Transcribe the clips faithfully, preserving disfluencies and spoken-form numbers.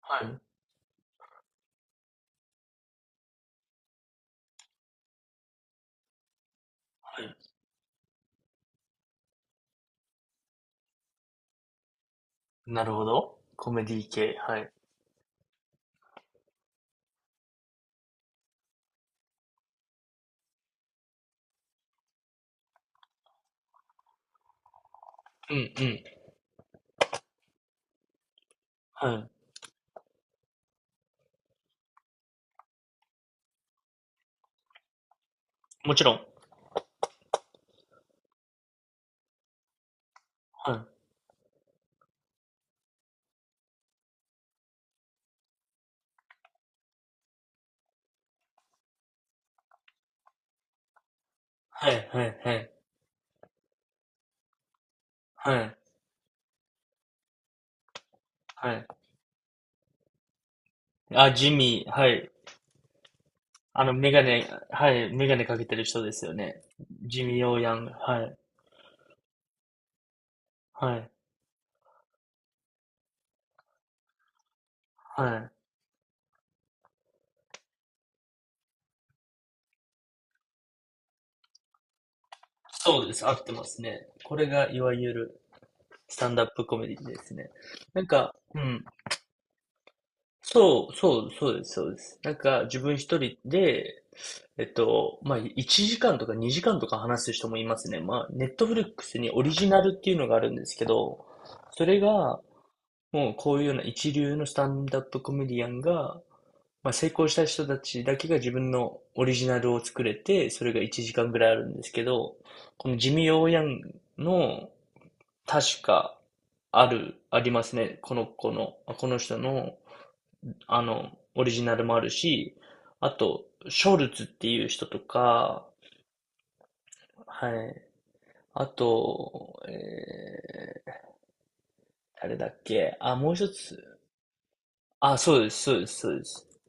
はい。はい。なるほど。コメディ系。はい。うんうん。はい。もちろん。はい。はいはいはい。はい。はい。あ、ジミー。はい。あの、メガネ、はい。メガネかけてる人ですよね。ジミー・ヨーヤング。はい。はい。はい。そうです。合ってますね。これがいわゆるスタンダップコメディですね。なんか、うん。そう、そう、そうです、そうです。なんか、自分一人で、えっと、まあ、いちじかんとかにじかんとか話す人もいますね。まあ、ネットフリックスにオリジナルっていうのがあるんですけど、それが、もうこういうような一流のスタンダップコメディアンが、まあ、成功した人たちだけが自分のオリジナルを作れて、それがいちじかんぐらいあるんですけど、このジミー・オーヤンの、確か、ある、ありますね。この子の、あこの人の、あの、オリジナルもあるし、あと、ショルツっていう人とか、はい。あと、えー、誰だっけあ、もう一つ。あ、そうです、そうです、そうです。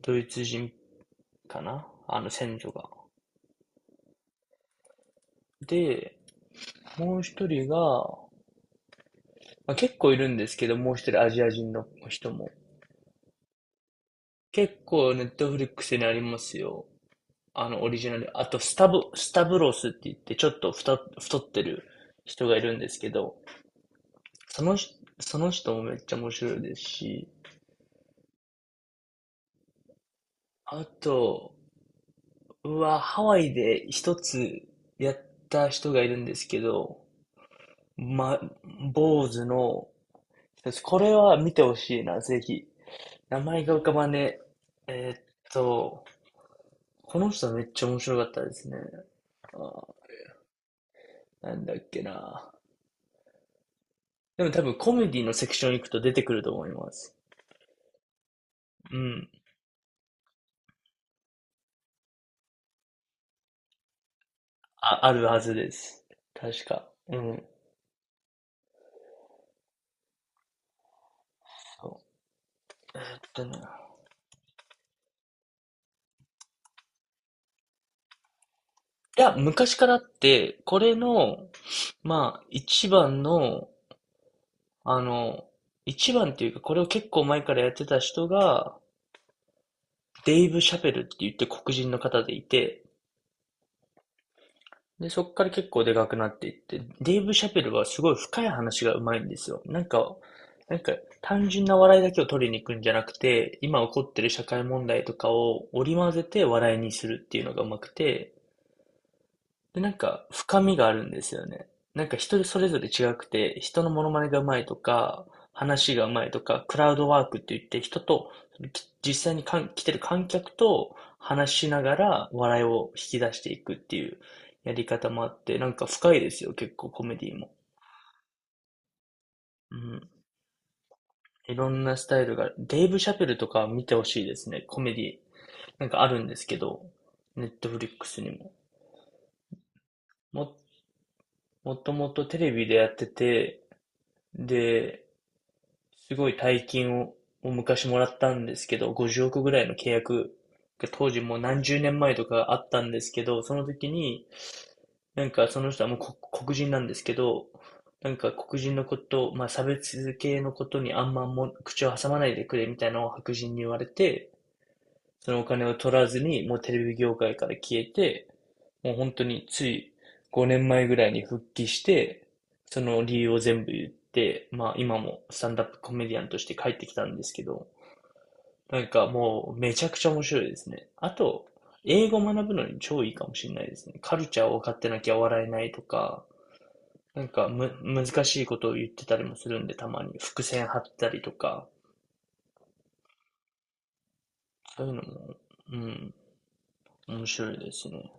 ドイツ人かな、あの、先祖が。で、もう一人が、まあ、結構いるんですけど、もう一人アジア人の人も。結構ネットフリックスにありますよ。あの、オリジナル。あと、スタブ、スタブロスって言って、ちょっと太、太ってる人がいるんですけど、その人、その人もめっちゃ面白いですし、あと、うわ、ハワイで一つやった人がいるんですけど、ま、坊主の、これは見てほしいな、ぜひ。名前が浮かばねえ。えーっと、この人はめっちゃ面白かったですね。あー、なんだっけな。でも多分コメディのセクション行くと出てくると思います。うん。あ、あるはずです。確か。うん。そう。えっとねいや、昔からあって、これの、まあ、一番の、あの、一番っていうか、これを結構前からやってた人が、デイブ・シャペルって言って黒人の方でいて、で、そっから結構でかくなっていって、デイブ・シャペルはすごい深い話がうまいんですよ。なんか、なんか、単純な笑いだけを取りに行くんじゃなくて、今起こってる社会問題とかを織り交ぜて笑いにするっていうのがうまくて、で、なんか深みがあるんですよね。なんか人それぞれ違くて、人のモノマネがうまいとか、話がうまいとか、クラウドワークって言って人と、き実際にかん来てる観客と話しながら笑いを引き出していくっていうやり方もあって、なんか深いですよ、結構コメディも。うん。いろんなスタイルが、デイブ・シャペルとか見てほしいですね、コメディ。なんかあるんですけど、ネットフリックスにも。も、もともとテレビでやってて、で、すごい大金を昔もらったんですけど、ごじゅうおくぐらいの契約が当時もう何十年前とかあったんですけど、その時に、なんかその人はもうこ黒人なんですけど、なんか黒人のこと、まあ差別系のことにあんまも口を挟まないでくれみたいなのを白人に言われて、そのお金を取らずに、もうテレビ業界から消えて、もう本当についごねんまえぐらいに復帰して、その理由を全部言って、まあ今もスタンダップコメディアンとして帰ってきたんですけど、なんかもうめちゃくちゃ面白いですね。あと、英語学ぶのに超いいかもしれないですね。カルチャーを分かってなきゃ笑えないとか、なんかむ、難しいことを言ってたりもするんで、たまに伏線張ったりとか、そういうのも、うん、面白いですね。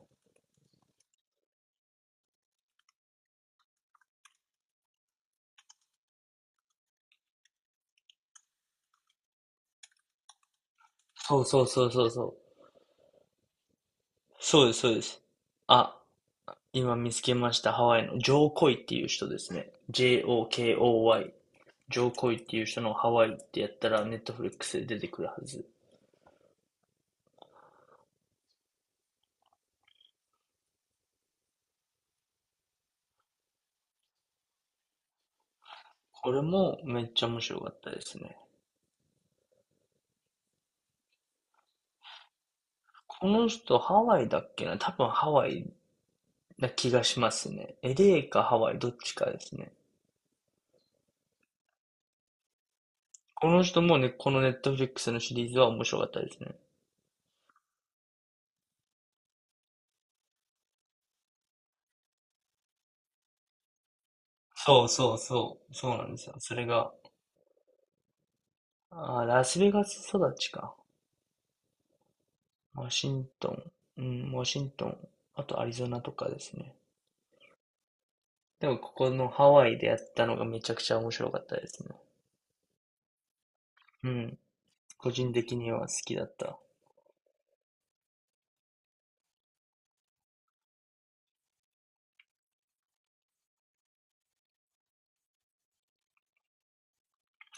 そうそうそうそうそう。そうです、そうです。あ、今見つけました。ハワイのジョーコイっていう人ですね。ジェイオーケーオーワイ。ジョーコイっていう人のハワイってやったらネットフリックスで出てくるはず。これもめっちゃ面白かったですね。この人ハワイだっけな、多分ハワイな気がしますね。エレーかハワイどっちかですね。この人もね、このネットフリックスのシリーズは面白かったですね。そうそうそう。そうなんですよ。それが、あー、ラスベガス育ちか。ワシントン、うん、ワシントン、あとアリゾナとかですね。でもここのハワイでやったのがめちゃくちゃ面白かったですね。うん。個人的には好きだった。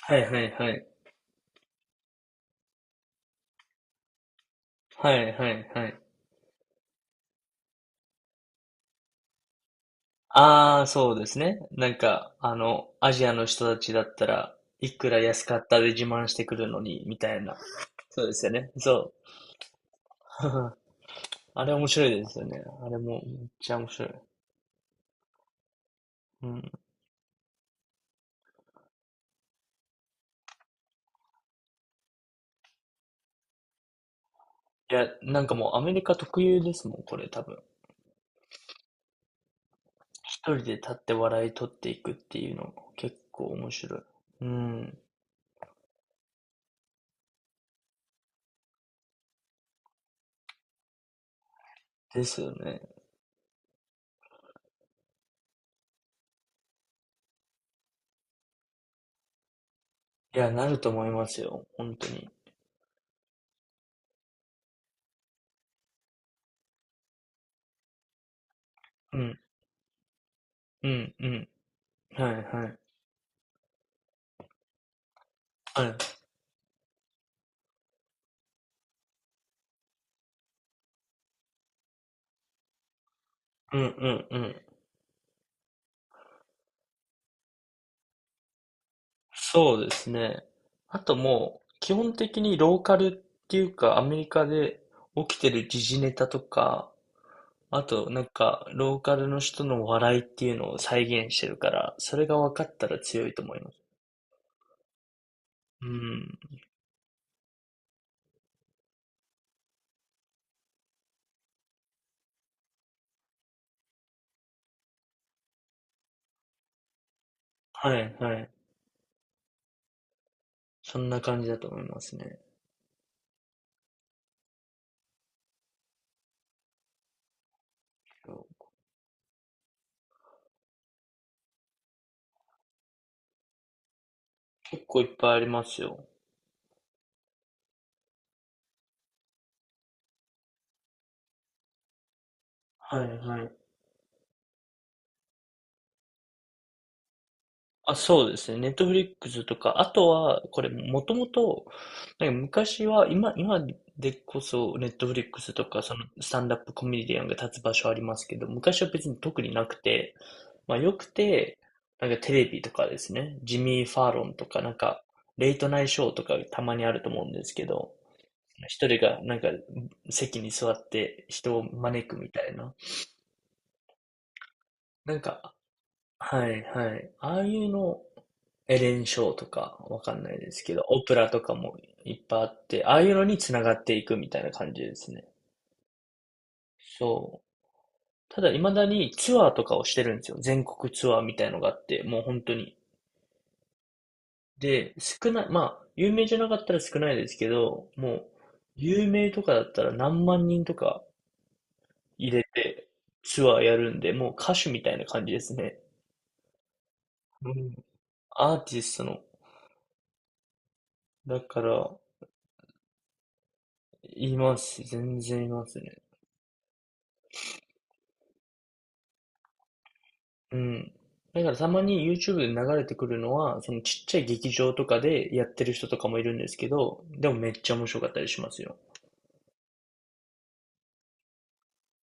はいはいはい。はいはいはい。ああ、そうですね。なんか、あの、アジアの人たちだったらいくら安かったで自慢してくるのに、みたいな。そうですよね。そう。あれ面白いですよね。あれもめっちゃ面白い。うん。いや、なんかもうアメリカ特有ですもん、これ多分。一人で立って笑い取っていくっていうのも結構面白い。うん。ですよね。いや、なると思いますよ。本当に。うん。うんうん。はいはい。はい。うんうんうん。そうですね。あともう、基本的にローカルっていうか、アメリカで起きてる時事ネタとか、あとなんか、ローカルの人の笑いっていうのを再現してるから、それが分かったら強いと思います。うん。はいはい。そんな感じだと思いますね。結構いっぱいありますよ。はいはい。あ、そうですね。ネットフリックスとか、あとは、これ、もともと、なんか昔は、今、今でこそ、ネットフリックスとか、その、スタンダップコメディアンが立つ場所ありますけど、昔は別に特になくて、まあ、よくて、なんかテレビとかですね、ジミー・ファーロンとか、なんか、レイトナイトショーとかたまにあると思うんですけど、一人がなんか席に座って人を招くみたいな。なんか、はいはい。ああいうの、エレン・ショーとか、わかんないですけど、オプラとかもいっぱいあって、ああいうのに繋がっていくみたいな感じですね。そう。ただ、未だにツアーとかをしてるんですよ。全国ツアーみたいのがあって、もう本当に。で、少ない、まあ、有名じゃなかったら少ないですけど、もう、有名とかだったら何万人とか入れてツアーやるんで、もう歌手みたいな感じですね。うん。アーティストの。だから、います。全然いますね。うん。だからたまに YouTube で流れてくるのは、そのちっちゃい劇場とかでやってる人とかもいるんですけど、でもめっちゃ面白かったりしますよ。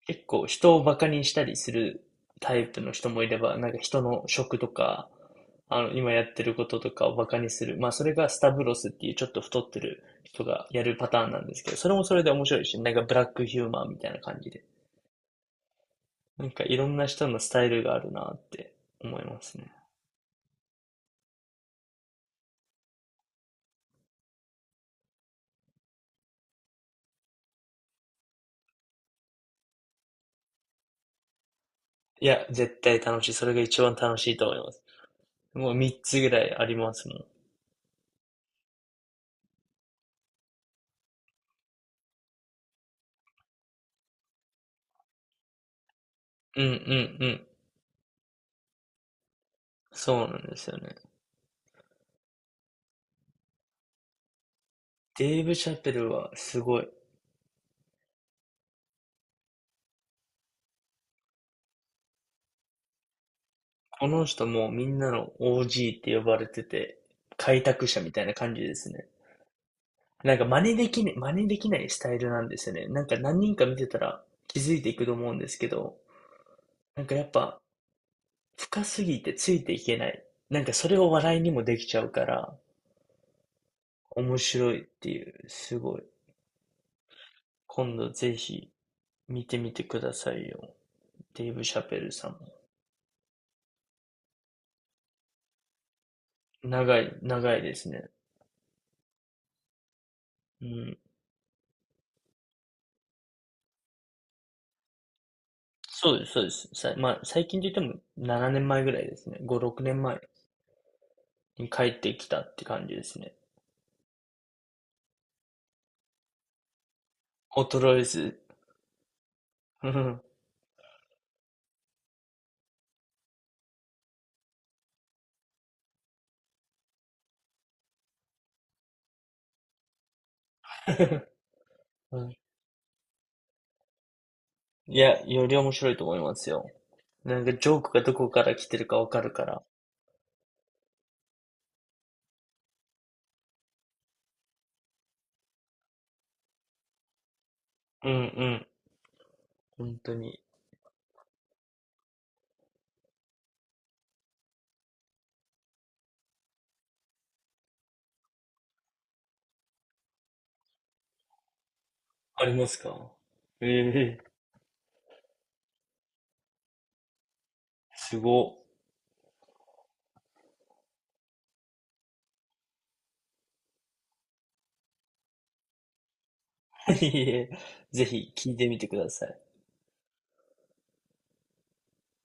結構人をバカにしたりするタイプの人もいれば、なんか人の職とか、あの、今やってることとかをバカにする。まあそれがスタブロスっていうちょっと太ってる人がやるパターンなんですけど、それもそれで面白いし、なんかブラックヒューマンみたいな感じで。なんかいろんな人のスタイルがあるなって思いますね。いや、絶対楽しい。それが一番楽しいと思います。もうみっつぐらいありますもん。うんうんうん。そうなんですよね。デーブ・シャペルはすごい。この人もうみんなの オージー って呼ばれてて、開拓者みたいな感じですね。なんか真似できない、真似できないスタイルなんですよね。なんか何人か見てたら気づいていくと思うんですけど、なんかやっぱ深すぎてついていけない。なんかそれを笑いにもできちゃうから、面白いっていう、すごい。今度ぜひ見てみてくださいよ。デイブ・シャペルさんも。長い、長いですね。うん。そうです、そうです。さ、まあ、最近といってもななねんまえぐらいですね。ご、ろくねんまえに帰ってきたって感じですね。衰えず。うん。 うん、いや、より面白いと思いますよ。なんかジョークがどこから来てるかわかるから。うんうん。本当に。ありますか？ええ、すご。いえ、ぜひ聞いてみてください。